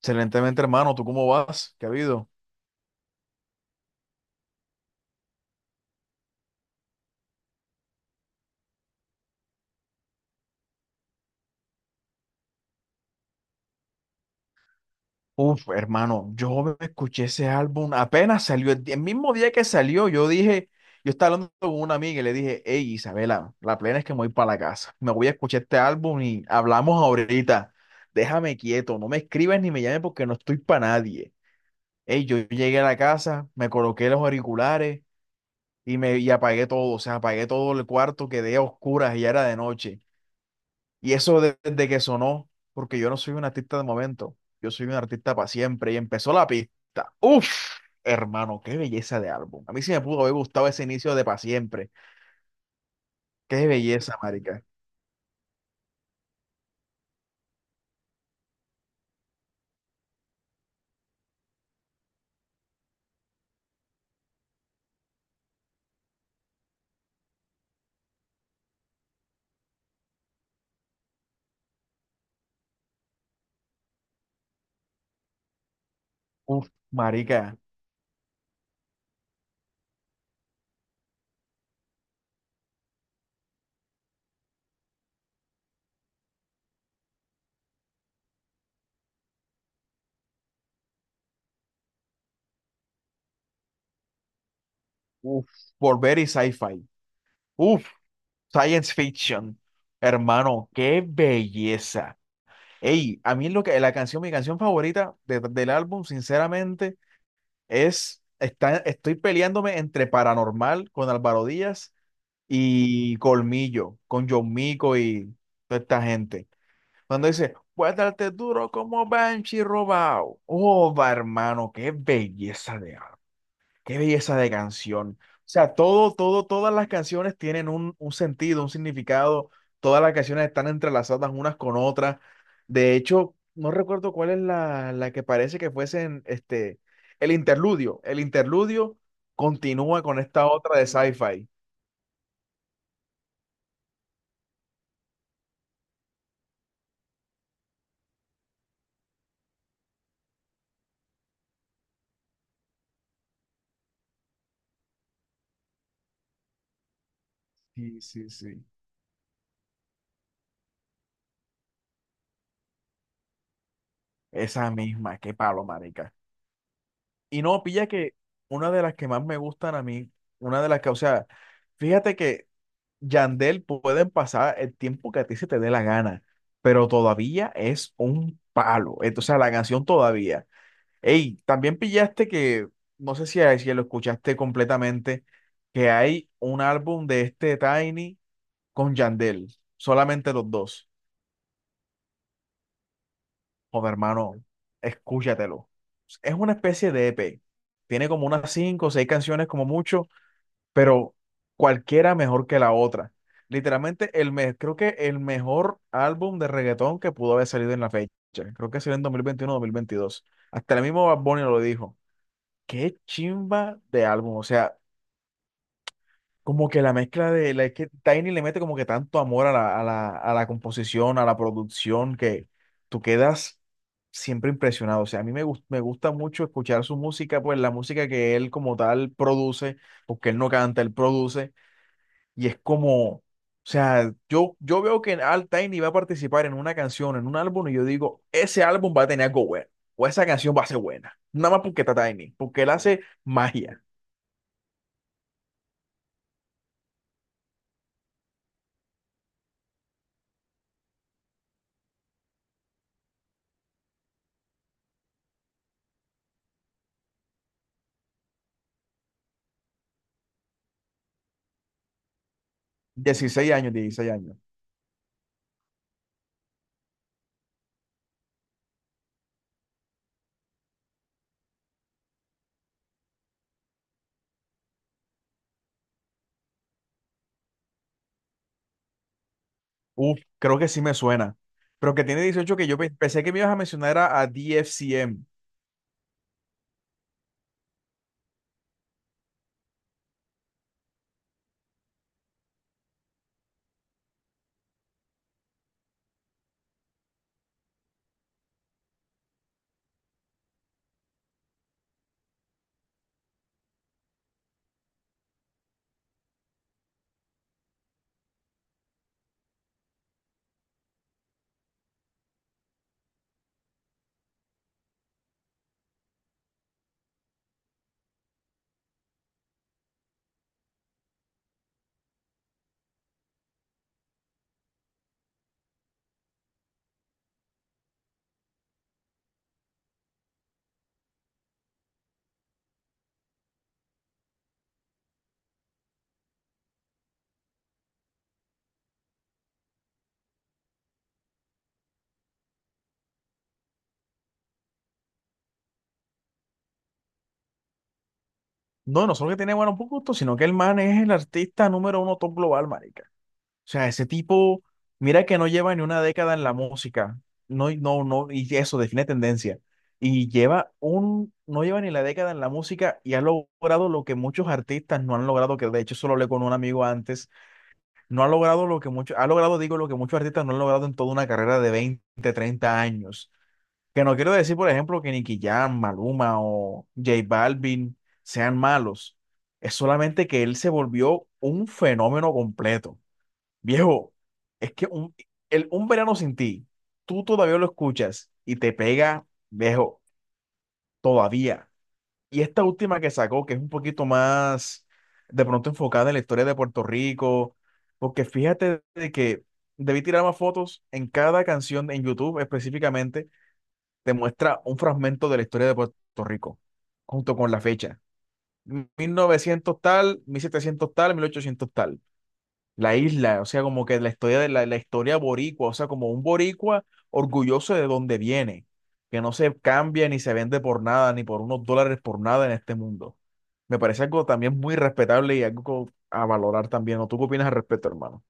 Excelentemente, hermano. ¿Tú cómo vas? ¿Qué ha habido? Uf, hermano, yo me escuché ese álbum apenas salió. El mismo día que salió, yo dije, yo estaba hablando con una amiga y le dije, hey, Isabela, la plena es que me voy para la casa. Me voy a escuchar este álbum y hablamos ahorita. Déjame quieto, no me escribas ni me llames porque no estoy para nadie. Hey, yo llegué a la casa, me coloqué los auriculares y me y apagué todo. O sea, apagué todo el cuarto, quedé a oscuras y ya era de noche. Y eso desde que sonó, porque yo no soy un artista de momento, yo soy un artista para siempre. Y empezó la pista. Uf, hermano, qué belleza de álbum. A mí sí me pudo haber gustado ese inicio de para siempre. Qué belleza, marica. Uf, marica. Uf, volver y sci-fi. Uf, science fiction. Hermano, qué belleza. Ey, a mí lo que la canción, mi canción favorita del álbum, sinceramente, estoy peleándome entre Paranormal con Álvaro Díaz y Colmillo, con John Mico y toda esta gente. Cuando dice, voy a darte duro como Banshee robado. Oh, va, hermano, qué belleza de canción. O sea, todas las canciones tienen un sentido, un significado. Todas las canciones están entrelazadas unas con otras. De hecho, no recuerdo cuál es la que parece que fuesen este, el interludio. El interludio continúa con esta otra de sci-fi. Sí, sí, sí. Esa misma, qué palo, marica. Y no, pilla que una de las que más me gustan a mí, una de las que, o sea, fíjate que Yandel pueden pasar el tiempo que a ti se te dé la gana, pero todavía es un palo. Entonces, la canción todavía. Ey, también pillaste que, no sé si lo escuchaste completamente, que hay un álbum de este Tiny con Yandel, solamente los dos. Joder, hermano, escúchatelo. Es una especie de EP. Tiene como unas cinco o seis canciones como mucho, pero cualquiera mejor que la otra. Literalmente, creo que el mejor álbum de reggaetón que pudo haber salido en la fecha. Creo que salió en 2021 o 2022. Hasta el mismo Bad Bunny lo dijo. Qué chimba de álbum. O sea, como que la mezcla es que Tiny le mete como que tanto amor a la composición, a la producción, que tú quedas siempre impresionado. O sea, a mí me gusta mucho escuchar su música, pues la música que él como tal produce, porque él no canta, él produce, y es como, o sea, yo veo que Al Tiny va a participar en una canción, en un álbum, y yo digo, ese álbum va a tener algo bueno, o esa canción va a ser buena, nada más porque está Tiny, porque él hace magia. Dieciséis años, 16 años. Uf, creo que sí me suena. Pero que tiene 18 que yo pensé que me ibas a mencionar era a DFCM. No, no solo que tiene buenos puntos, sino que el man es el artista número uno top global, marica. O sea, ese tipo, mira que no lleva ni una década en la música. No, no, no, y eso define tendencia. Y lleva un, no lleva ni la década en la música y ha logrado lo que muchos artistas no han logrado, que de hecho solo hablé con un amigo antes, no ha logrado lo que muchos, ha logrado, digo, lo que muchos artistas no han logrado en toda una carrera de 20 30 años. Que no quiero decir, por ejemplo, que Nicky Jam, Maluma o J Balvin sean malos. Es solamente que él se volvió un fenómeno completo. Viejo, es que un verano sin ti, tú todavía lo escuchas y te pega, viejo, todavía. Y esta última que sacó, que es un poquito más de pronto enfocada en la historia de Puerto Rico, porque fíjate de que debí tirar más fotos en cada canción en YouTube específicamente te muestra un fragmento de la historia de Puerto Rico, junto con la fecha. 1900 tal, 1700 tal, 1800 tal. La isla, o sea, como que la historia de la historia boricua, o sea, como un boricua orgulloso de donde viene, que no se cambia ni se vende por nada, ni por unos dólares por nada en este mundo. Me parece algo también muy respetable y algo a valorar también. ¿O tú qué opinas al respecto, hermano?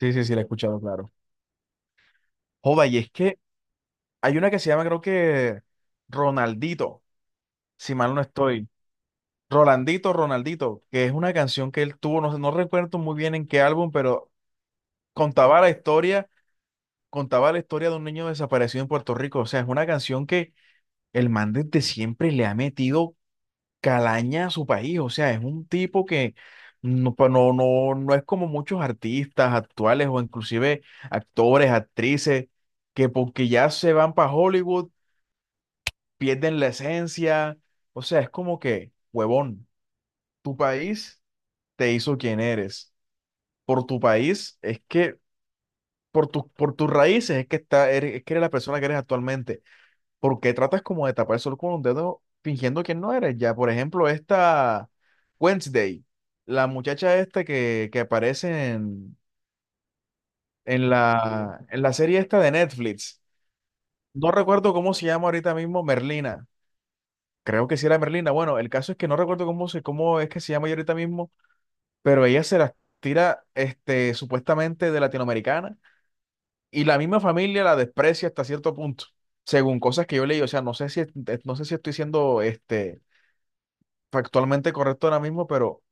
Sí, sí, sí, la he escuchado, claro. Joda, y es que hay una que se llama, creo que Ronaldito, si mal no estoy. Rolandito, Ronaldito, que es una canción que él tuvo, no recuerdo muy bien en qué álbum, pero contaba la historia, contaba la historia de un niño desaparecido en Puerto Rico. O sea, es una canción que el man desde siempre le ha metido calaña a su país. O sea, es un tipo que no es como muchos artistas actuales o inclusive actores, actrices, que porque ya se van para Hollywood, pierden la esencia. O sea, es como que, huevón, tu país te hizo quien eres. Por tu país, es que por tus raíces es que eres la persona que eres actualmente. ¿Porque tratas como de tapar el sol con un dedo fingiendo que no eres? Ya, por ejemplo, esta Wednesday, la muchacha esta que aparece en, en la serie esta de Netflix. No recuerdo cómo se llama ahorita mismo Merlina. Creo que sí era Merlina. Bueno, el caso es que no recuerdo cómo es que se llama ella ahorita mismo, pero ella se las tira este, supuestamente de latinoamericana y la misma familia la desprecia hasta cierto punto, según cosas que yo leí. O sea, no sé si estoy siendo este, factualmente correcto ahora mismo, pero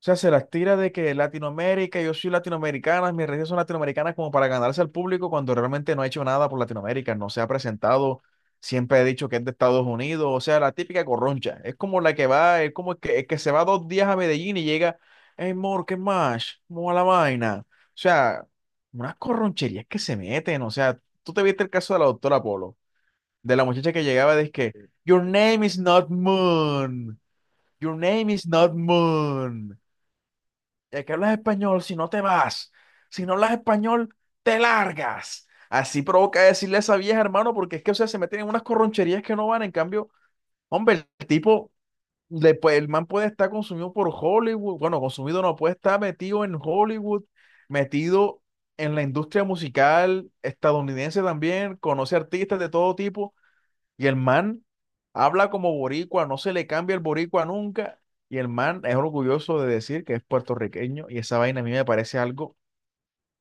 o sea, se las tira de que Latinoamérica, yo soy latinoamericana, mis redes son latinoamericanas como para ganarse al público cuando realmente no ha hecho nada por Latinoamérica, no se ha presentado, siempre he dicho que es de Estados Unidos, o sea, la típica corroncha, es como la que va, es como el que se va dos días a Medellín y llega, hey, mor, ¿qué más? ¿Cómo va la vaina? O sea, unas corroncherías que se meten, o sea, tú te viste el caso de la doctora Polo, de la muchacha que llegaba, de que, your name is not Moon, your name is not Moon, ya que hablas español, si no te vas, si no hablas español, te largas. Así provoca decirle a esa vieja, hermano, porque es que, o sea, se meten en unas corroncherías que no van. En cambio, hombre, el tipo, el man puede estar consumido por Hollywood. Bueno, consumido no, puede estar metido en Hollywood, metido en la industria musical estadounidense también, conoce artistas de todo tipo. Y el man habla como boricua, no se le cambia el boricua nunca. Y el man es orgulloso de decir que es puertorriqueño y esa vaina a mí me parece algo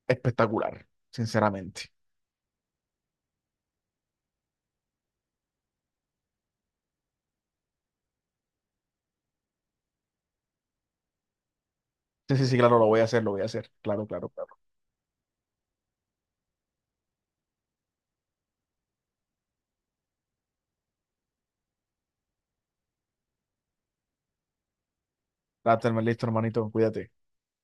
espectacular, sinceramente. Sí, sí, sí, claro, lo voy a hacer, lo voy a hacer. Claro, claro, claro. Date, listo, hermanito, cuídate.